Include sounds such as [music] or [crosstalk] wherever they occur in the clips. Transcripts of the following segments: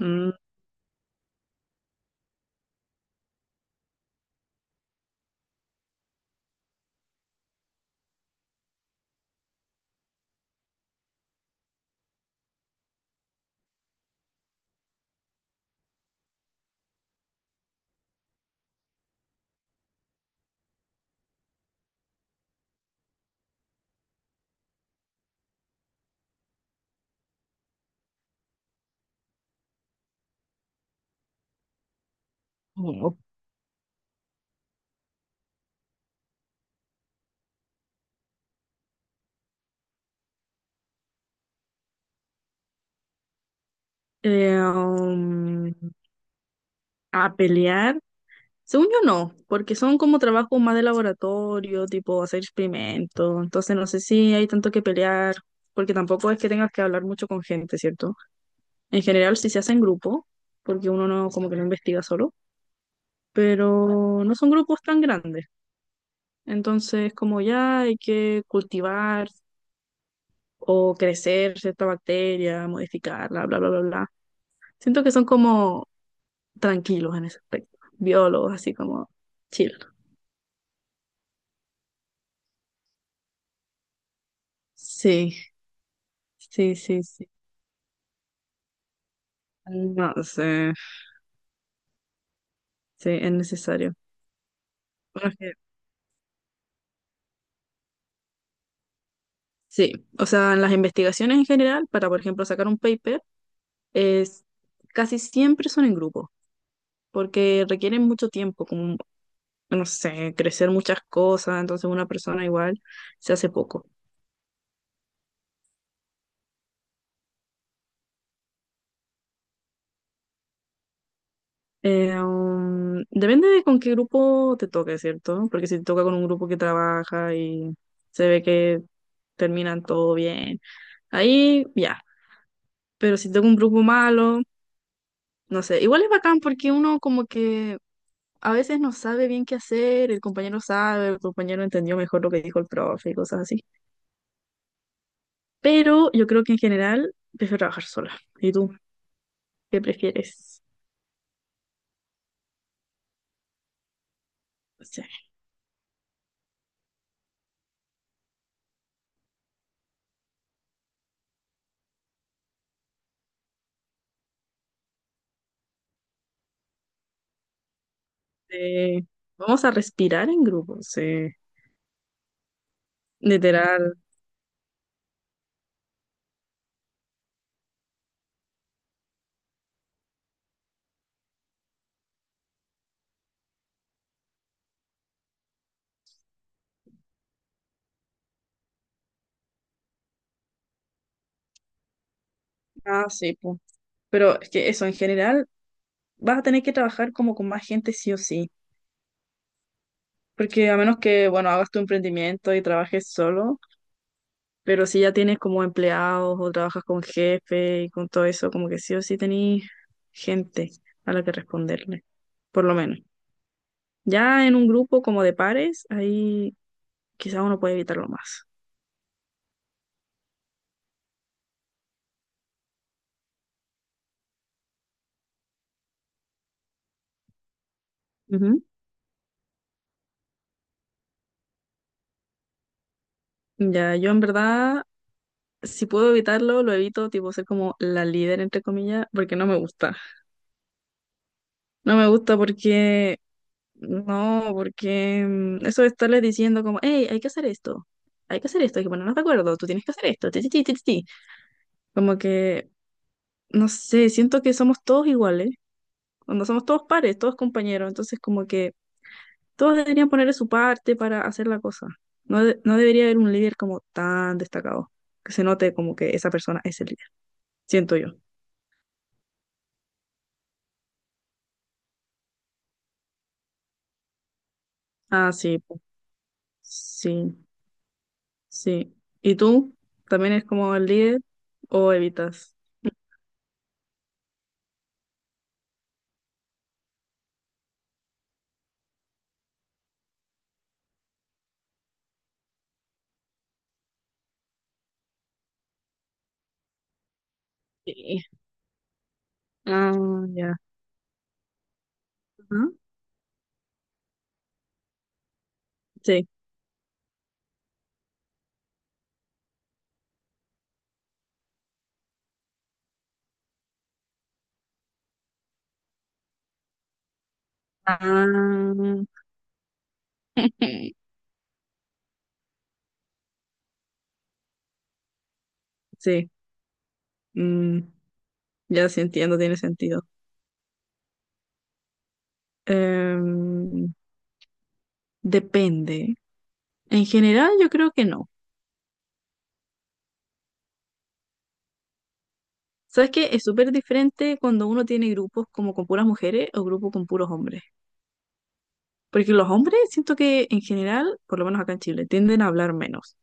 Mm, o- eh, um, a pelear. Según yo no, porque son como trabajos más de laboratorio, tipo hacer experimentos. Entonces no sé si hay tanto que pelear, porque tampoco es que tengas que hablar mucho con gente, ¿cierto? En general sí se hace en grupo, porque uno no como que no investiga solo, pero no son grupos tan grandes. Entonces como ya hay que cultivar o crecer cierta bacteria, modificarla, bla, bla, bla, bla. Siento que son como tranquilos en ese aspecto. Biólogos, así como chill. Sí, sí, sí, sí. No sé, sí, es necesario. Bueno, sí, o sea, en las investigaciones en general, para, por ejemplo, sacar un paper, es, casi siempre son en grupo, porque requieren mucho tiempo, como, no sé, crecer muchas cosas, entonces una persona igual se hace poco. Depende de con qué grupo te toque, ¿cierto? Porque si te toca con un grupo que trabaja y se ve que terminan todo bien, ahí ya. Pero si tengo un grupo malo, no sé. Igual es bacán porque uno como que a veces no sabe bien qué hacer, el compañero sabe, el compañero entendió mejor lo que dijo el profe y cosas así. Pero yo creo que en general prefiero trabajar sola. ¿Y tú qué prefieres? Sí. Eh, Vamos a respirar en grupo, sí. Literal. Ah, sí, po. Pero es que eso, en general, vas a tener que trabajar como con más gente sí o sí. Porque a menos que, bueno, hagas tu emprendimiento y trabajes solo, pero si ya tienes como empleados o trabajas con jefe y con todo eso, como que sí o sí tenés gente a la que responderle, por lo menos. Ya en un grupo como de pares, ahí quizás uno puede evitarlo más. Ujú. Ya, yo en verdad, si puedo evitarlo, lo evito, tipo ser como la líder, entre comillas, porque no me gusta. No me gusta porque No, porque mm, eso de estarles diciendo como, hey, hay que hacer esto, hay que hacer esto, hay que ponernos de acuerdo, tú tienes que hacer esto, ti, ti, ti, ti, ti, ti". Como que, no sé, siento que somos todos iguales, cuando somos todos pares, todos compañeros, entonces como que todos deberían ponerle su parte para hacer la cosa. No, no debería haber un líder como tan destacado, que se note como que esa persona es el líder, siento yo. Ah, sí, po, sí. Sí. ¿Y tú? ¿También es como el líder o evitas? Sí. Ah, ya. Ajá. Sí, ah. [laughs] Sí. Mm, ya sí entiendo, tiene sentido. Em, Depende. En general, yo creo que no. ¿Sabes qué? Es súper diferente cuando uno tiene grupos como con puras mujeres o grupos con puros hombres. Porque los hombres siento que en general, por lo menos acá en Chile, tienden a hablar menos.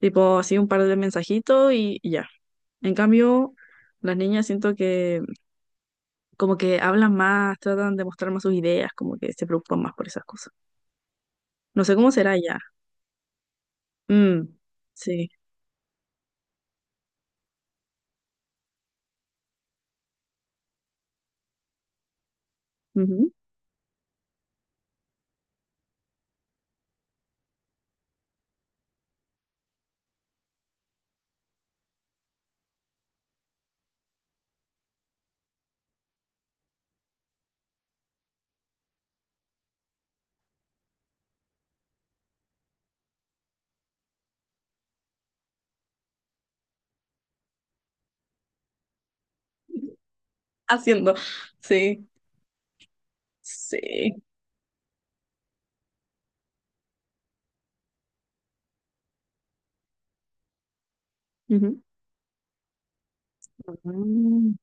Tipo así un par de mensajitos y ya. En cambio, las niñas siento que como que hablan más, tratan de mostrar más sus ideas, como que se preocupan más por esas cosas. No sé cómo será ya. Mm, sí. Ujú. [laughs] Haciendo. Sí, sí. Ujú. Mm.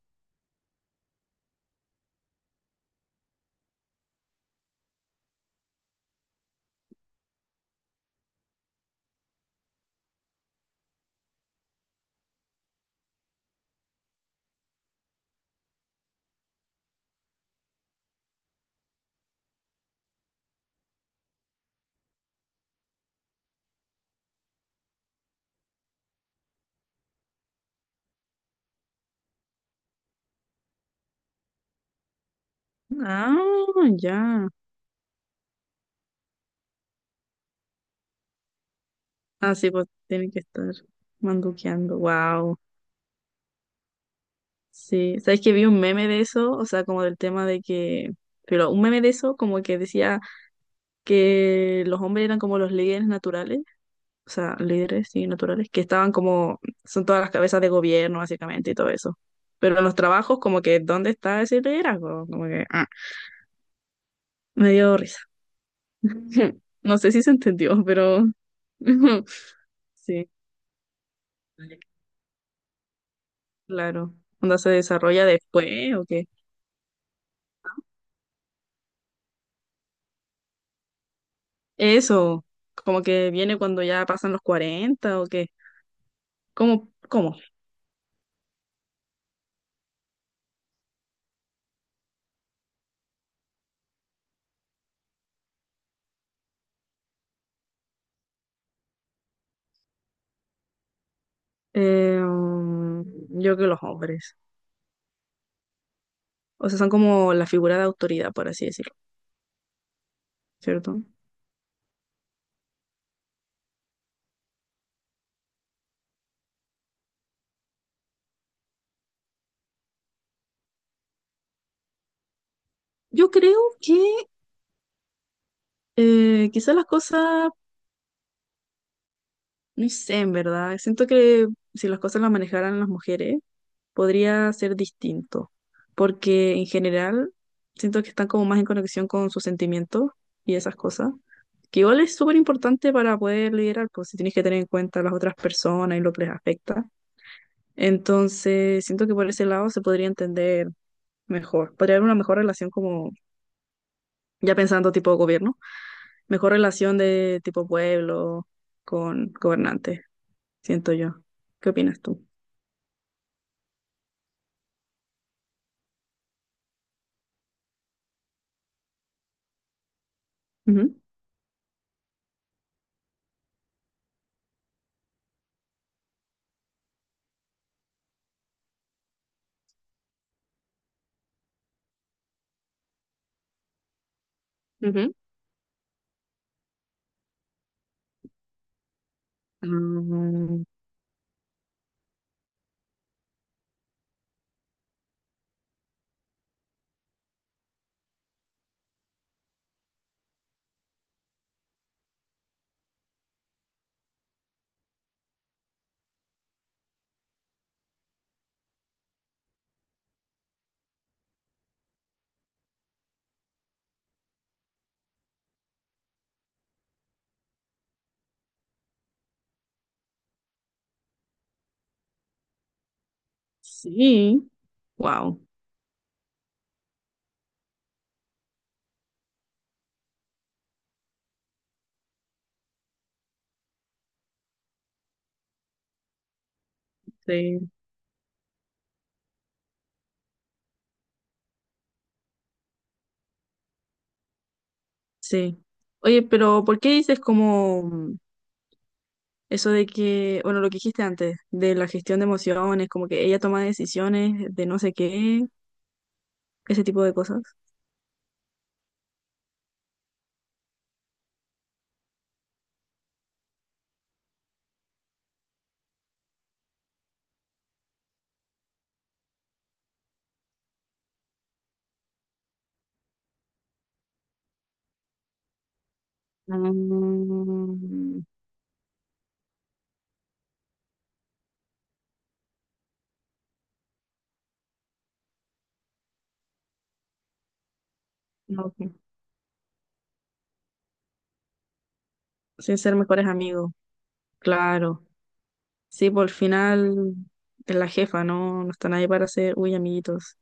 Ah, ya. Ah, sí, pues tienen que estar manduqueando. Wow. Sí. ¿Sabes que vi un meme de eso? O sea, como del tema de que. Pero un meme de eso, como que decía. Que los hombres eran como los líderes naturales, o sea, líderes, sí, naturales, que estaban como, son todas las cabezas de gobierno, básicamente, y todo eso. Pero en los trabajos, como que, ¿dónde está ese liderazgo? Como que, ah, me dio risa. [laughs] No sé si se entendió, pero [laughs] sí, claro. ¿Onda se desarrolla después o qué? Eso, como que viene cuando ya pasan los 40 o qué. ¿Cómo? ¿Cómo? Eh, um, yo creo que los hombres. O sea, son como la figura de autoridad, por así decirlo, ¿cierto? Yo creo que quizás las cosas, no sé, en verdad, siento que si las cosas las manejaran las mujeres, podría ser distinto, porque en general siento que están como más en conexión con sus sentimientos y esas cosas, que igual es súper importante para poder liderar, pues si tienes que tener en cuenta a las otras personas y lo que les afecta. Entonces, siento que por ese lado se podría entender mejor, podría haber una mejor relación como ya pensando tipo gobierno, mejor relación de tipo pueblo con gobernante, siento yo. ¿Qué opinas tú? Ujú. Ujú. Mm, sí, wow, sí, sí. Oye, pero ¿por qué dices como eso de que, bueno, lo que dijiste antes, de la gestión de emociones, como que ella toma decisiones de no sé qué, ese tipo de cosas? Mm, no, sin ser mejores amigos, claro. Sí, por el final es la jefa, no, no está nadie para ser, uy, amiguitos.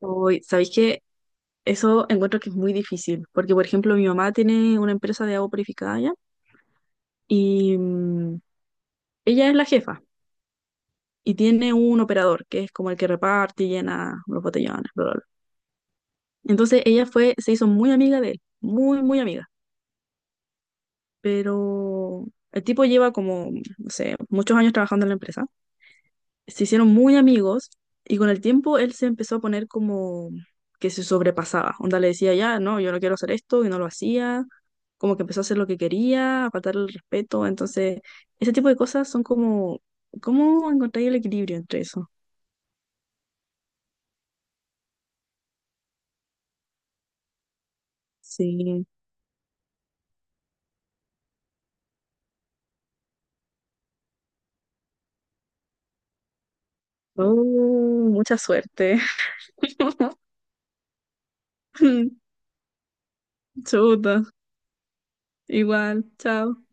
Uy, ¿sabéis qué? Eso encuentro que es muy difícil, porque por ejemplo mi mamá tiene una empresa de agua purificada ya y ella es la jefa y tiene un operador que es como el que reparte y llena los botellones, bla, bla, bla. Entonces ella fue, se hizo muy amiga de él, muy, muy amiga, pero el tipo lleva como, no sé, muchos años trabajando en la empresa se hicieron muy amigos y con el tiempo él se empezó a poner como que se sobrepasaba. Onda le decía, ya, no, yo no quiero hacer esto y no lo hacía. Como que empezó a hacer lo que quería, a faltar el respeto. Entonces, ese tipo de cosas son como, ¿cómo encontrar el equilibrio entre eso? Sí. Oh, mucha suerte. [laughs] Chuta. Igual, chao.